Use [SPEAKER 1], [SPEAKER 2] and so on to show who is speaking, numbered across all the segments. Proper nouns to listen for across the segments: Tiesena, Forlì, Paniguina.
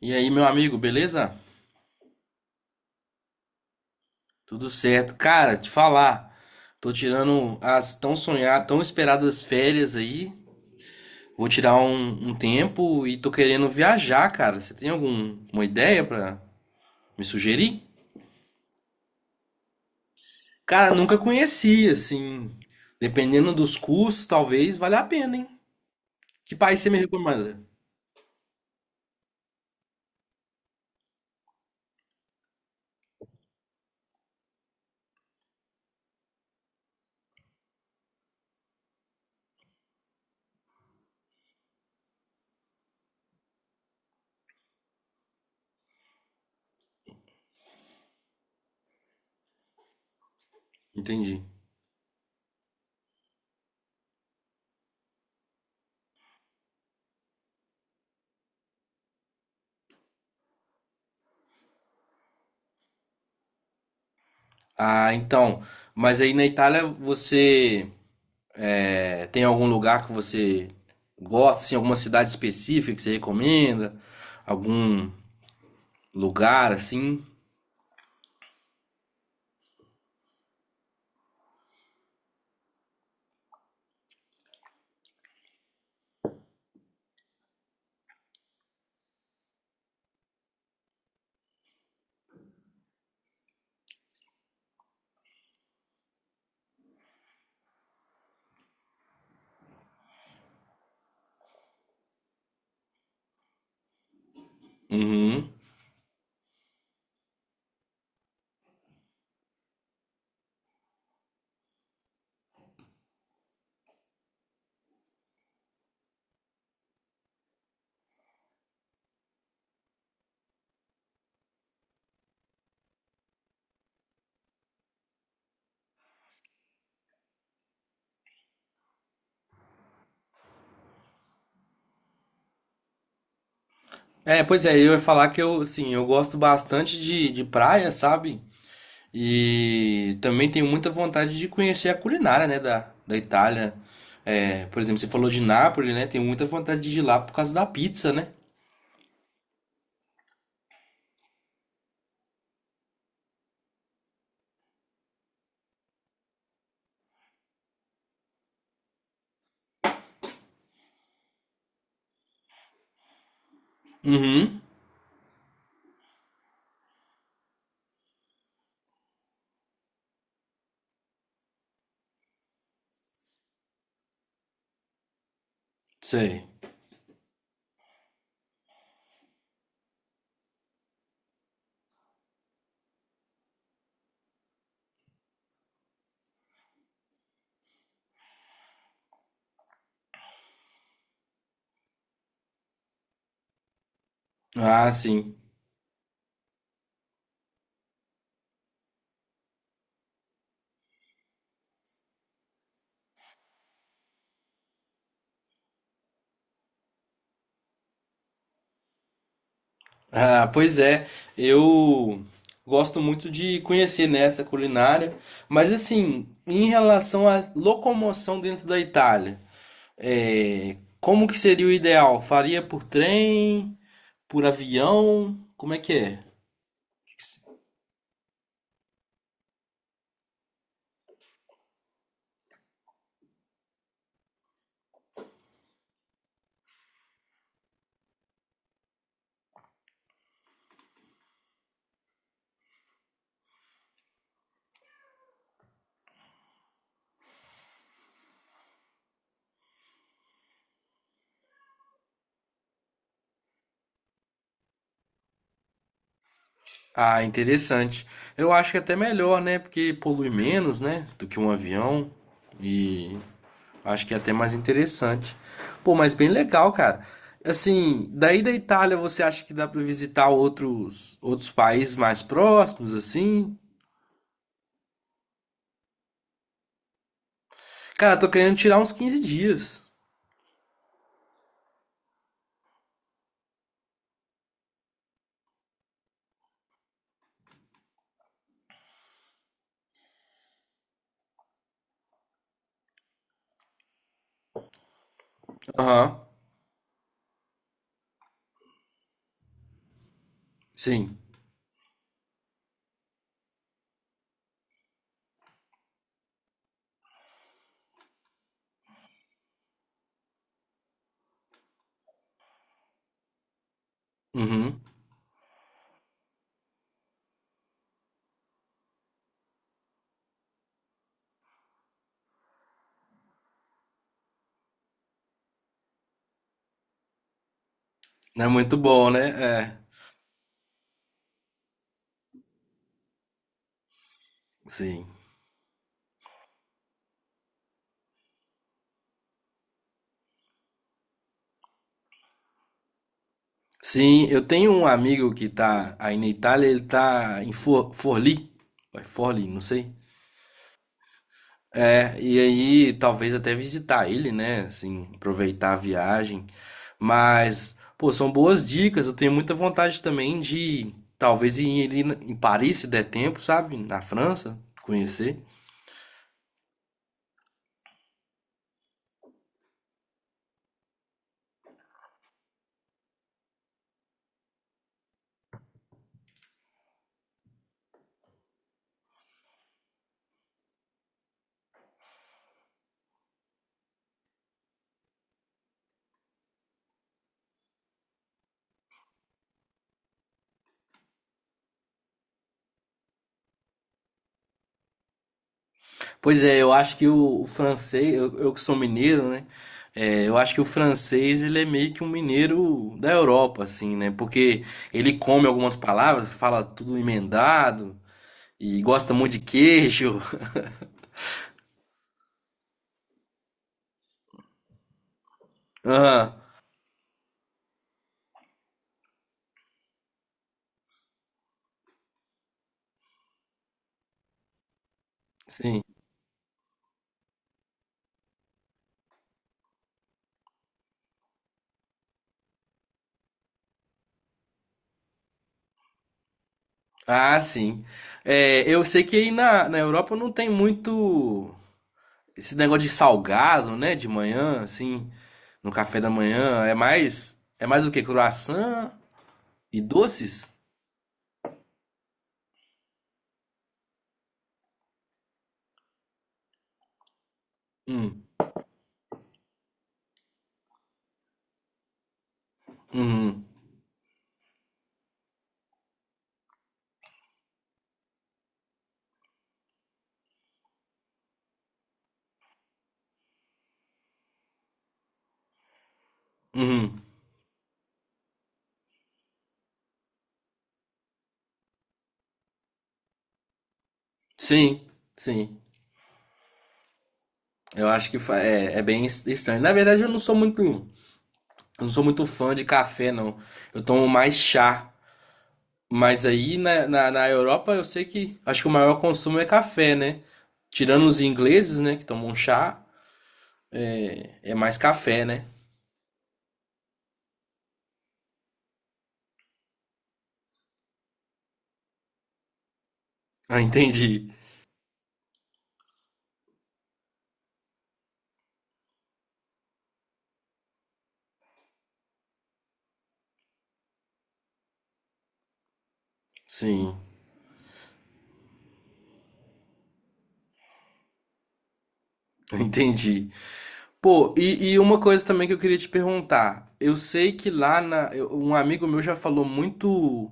[SPEAKER 1] E aí, meu amigo, beleza? Tudo certo. Cara, te falar, tô tirando as tão sonhadas, tão esperadas férias aí. Vou tirar um tempo e tô querendo viajar, cara. Você tem alguma ideia pra me sugerir? Cara, nunca conheci, assim. Dependendo dos custos, talvez valha a pena, hein? Que país você me recomenda? Entendi. Ah, então. Mas aí na Itália você É, tem algum lugar que você gosta, assim, alguma cidade específica que você recomenda? Algum lugar, assim? Uhum. É, pois é, eu ia falar que eu, assim, eu gosto bastante de praia, sabe? E também tenho muita vontade de conhecer a culinária, né, da Itália. É, por exemplo, você falou de Nápoles, né? Tenho muita vontade de ir lá por causa da pizza, né? Uhum. Sei. Ah, sim. Ah, pois é, eu gosto muito de conhecer nessa culinária, mas assim, em relação à locomoção dentro da Itália, é, como que seria o ideal? Faria por trem, por avião? Como é que é? Ah, interessante. Eu acho que é até melhor, né? Porque polui menos, né? Do que um avião. E acho que é até mais interessante. Pô, mas bem legal, cara. Assim, daí da Itália, você acha que dá pra visitar outros países mais próximos, assim? Cara, tô querendo tirar uns 15 dias. Aham, sim. Uhum. Não é muito bom, né? É, sim. Sim, eu tenho um amigo que tá aí na Itália, ele tá em Forlì. Vai, Forlì, não sei. É, e aí talvez até visitar ele, né? Assim, aproveitar a viagem. Mas, pô, são boas dicas. Eu tenho muita vontade também de talvez ir em Paris, se der tempo, sabe? Na França, conhecer. Pois é, eu acho que o francês, eu que sou mineiro, né? É, eu acho que o francês, ele é meio que um mineiro da Europa, assim, né? Porque ele come algumas palavras, fala tudo emendado e gosta muito de queijo. Aham, sim. Ah, sim. É, eu sei que aí na Europa não tem muito esse negócio de salgado, né? De manhã, assim, no café da manhã. É mais o quê? Croissant e doces? Hum, uhum, uhum. Sim, sim. Eu acho que é, é bem estranho. Na verdade, eu não sou muito fã de café, não. Eu tomo mais chá. Mas aí na Europa eu sei que acho que o maior consumo é café, né? Tirando os ingleses, né, que tomam chá. É, é mais café, né? Ah, entendi. Sim, entendi. Pô, e uma coisa também que eu queria te perguntar. Eu sei que lá um amigo meu já falou muito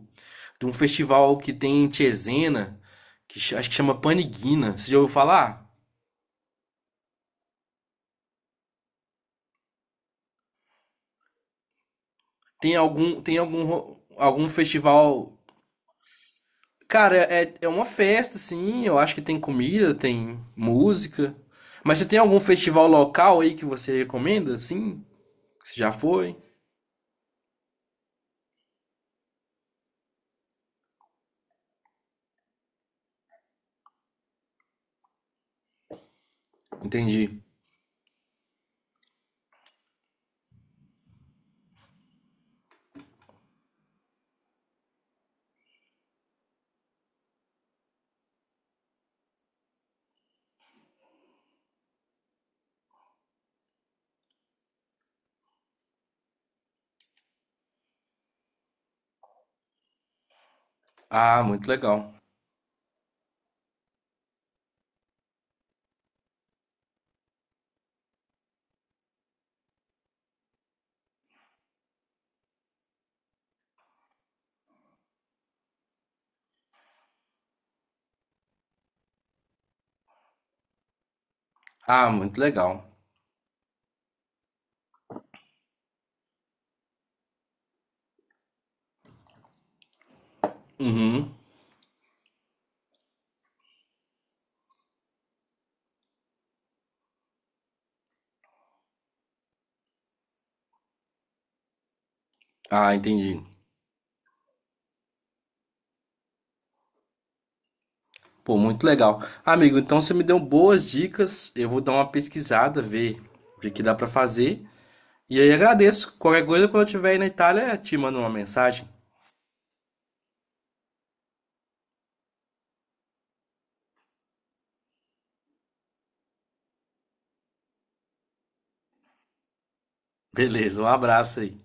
[SPEAKER 1] de um festival que tem em Tiesena, que acho que chama Paniguina. Você já ouviu falar? Algum festival. Cara, é, é uma festa, sim. Eu acho que tem comida, tem música. Mas você tem algum festival local aí que você recomenda? Sim, você já foi? Entendi. Ah, muito legal. Ah, muito legal. Uhum. Ah, entendi. Pô, muito legal. Amigo, então você me deu boas dicas. Eu vou dar uma pesquisada, ver o que que dá pra fazer. E aí agradeço. Qualquer coisa, quando eu estiver aí na Itália, te mando uma mensagem. Beleza, um abraço aí.